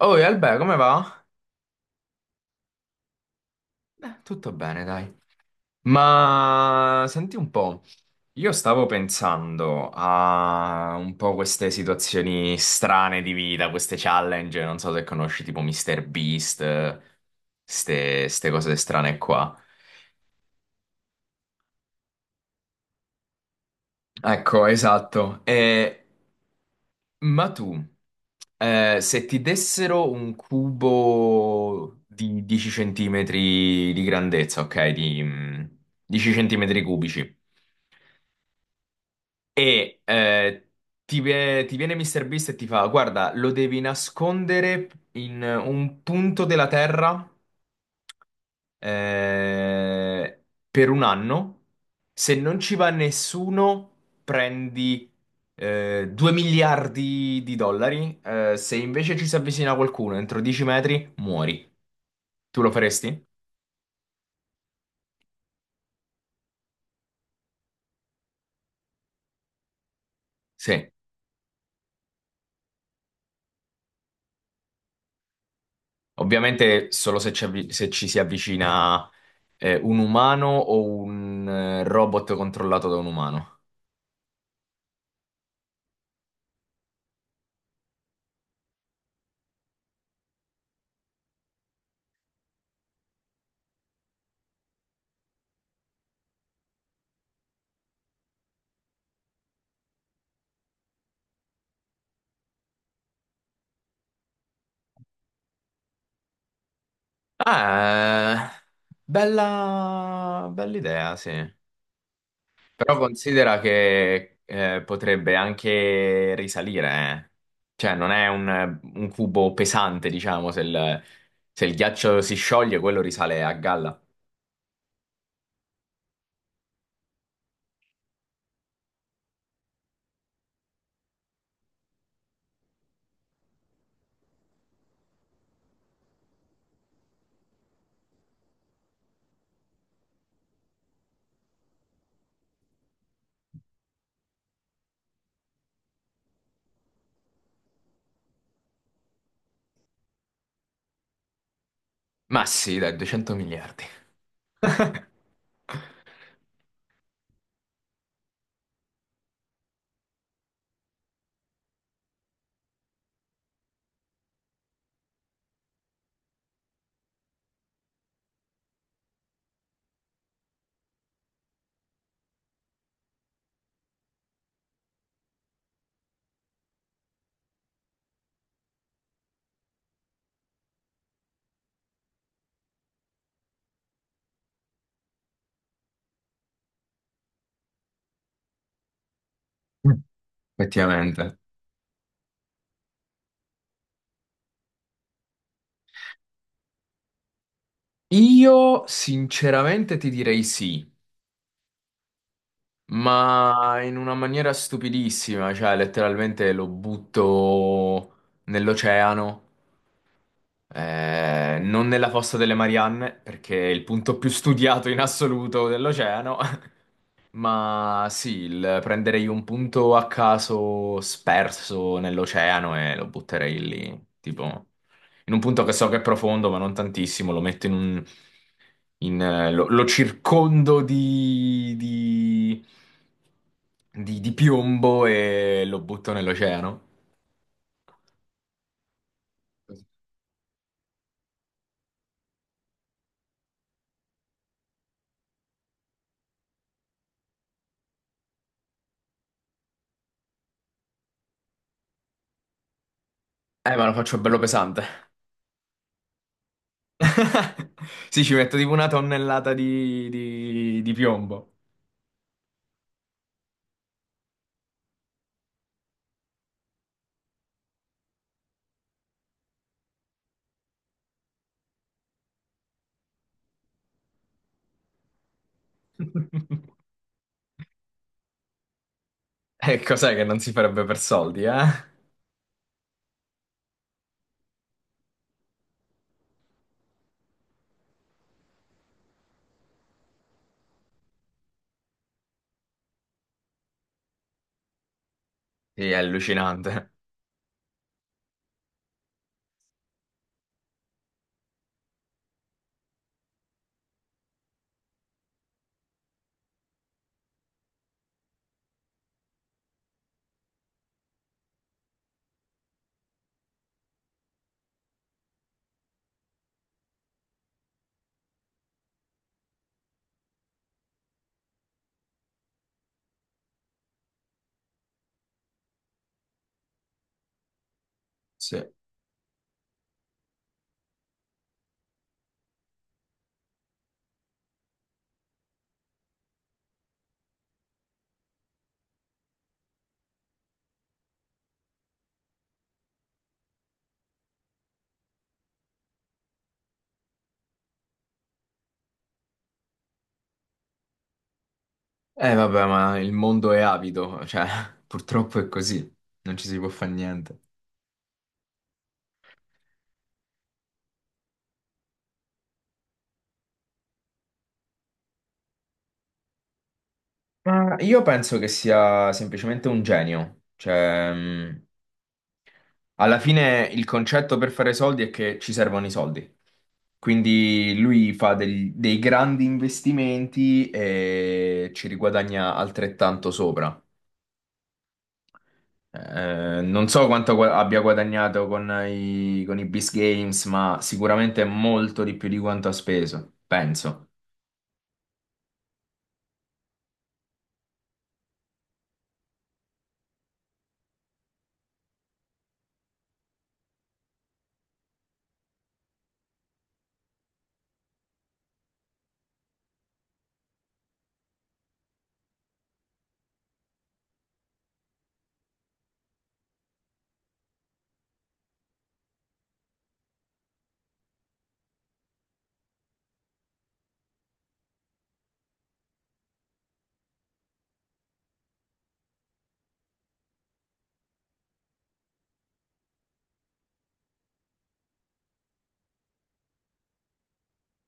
Oh, e Albe, come va? Tutto bene, dai. Ma senti un po', io stavo pensando a un po' queste situazioni strane di vita, queste challenge, non so se conosci tipo Mr. Beast, ste cose strane qua. Ecco, esatto. Ma tu, se ti dessero un cubo di 10 centimetri di grandezza, ok, 10 centimetri cubici, E eh, ti viene Mr. Beast e ti fa: guarda, lo devi nascondere in un punto della Terra eh, per un anno. Se non ci va nessuno, prendi 2 miliardi di dollari. Se invece ci si avvicina qualcuno entro 10 metri, muori. Tu lo faresti? Sì, ovviamente solo se ci, avvi- se ci si avvicina. È un umano o un robot controllato da un umano? Ah, bella idea, sì. Però considera che potrebbe anche risalire, eh. Cioè non è un cubo pesante, diciamo, se il ghiaccio si scioglie, quello risale a galla. Ma sì, dai, 200 miliardi. Effettivamente. Io sinceramente ti direi sì. Ma in una maniera stupidissima, cioè letteralmente lo butto nell'oceano, non nella fossa delle Marianne, perché è il punto più studiato in assoluto dell'oceano. Ma sì, prenderei un punto a caso sperso nell'oceano e lo butterei lì, tipo in un punto che so che è profondo, ma non tantissimo, lo metto in un... lo circondo di di piombo e lo butto nell'oceano. Ma lo faccio bello pesante. Sì, ci metto tipo una tonnellata di piombo. E cos'è che non si farebbe per soldi, eh? Sì, è allucinante. Sì. Vabbè, ma il mondo è avido, cioè, purtroppo è così. Non ci si può fare niente. Ma io penso che sia semplicemente un genio. Cioè, alla fine il concetto per fare soldi è che ci servono i soldi. Quindi lui fa dei grandi investimenti e ci riguadagna altrettanto sopra. Non so quanto abbia guadagnato con i Beast Games, ma sicuramente molto di più di quanto ha speso, penso.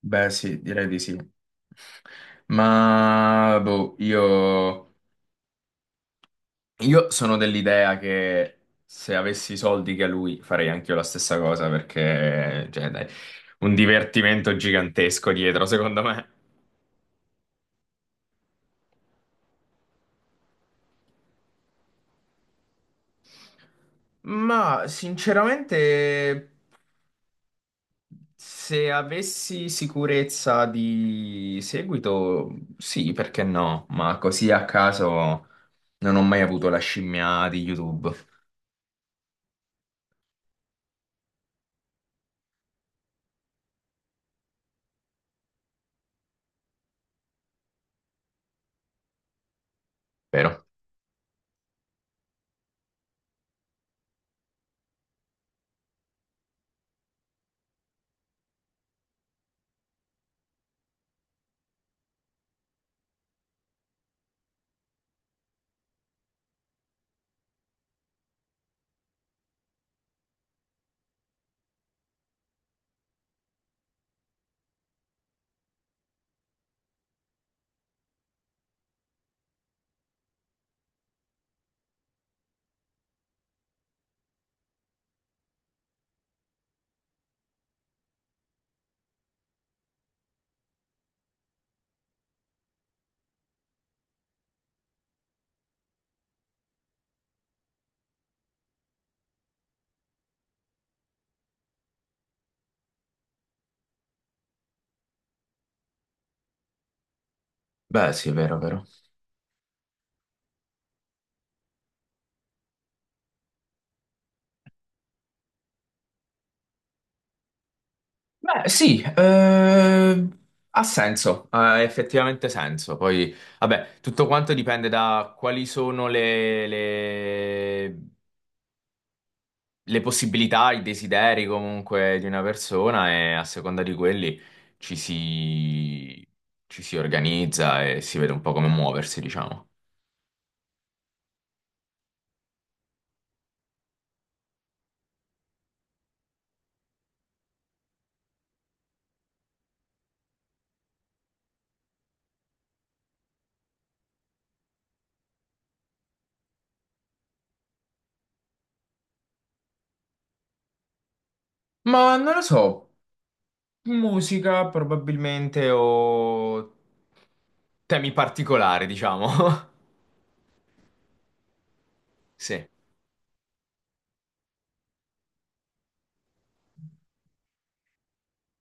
Beh, sì, direi di sì. Ma boh, io, io sono dell'idea che se avessi i soldi che ha lui farei anche io la stessa cosa perché, cioè, dai, un divertimento gigantesco dietro, secondo me. Ma sinceramente, se avessi sicurezza di seguito, sì, perché no? Ma così a caso non ho mai avuto la scimmia di YouTube, vero? Beh, sì, è vero, vero. Beh, sì, ha senso, ha effettivamente senso. Poi, vabbè, tutto quanto dipende da quali sono le le possibilità, i desideri comunque di una persona e a seconda di quelli ci si, ci si organizza e si vede un po' come muoversi, diciamo. Ma non lo so, musica probabilmente o temi particolari, diciamo. Sì.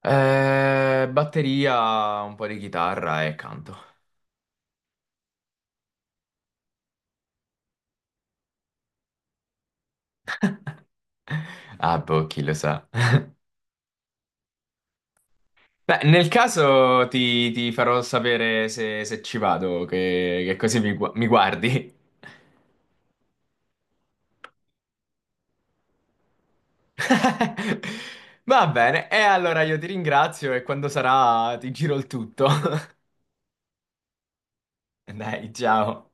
Batteria, un po' di chitarra e canto. Ah, boh, chi lo sa. Beh, nel caso ti farò sapere se ci vado, che così mi guardi. Va bene, e allora io ti ringrazio e quando sarà ti giro il tutto. Dai, ciao.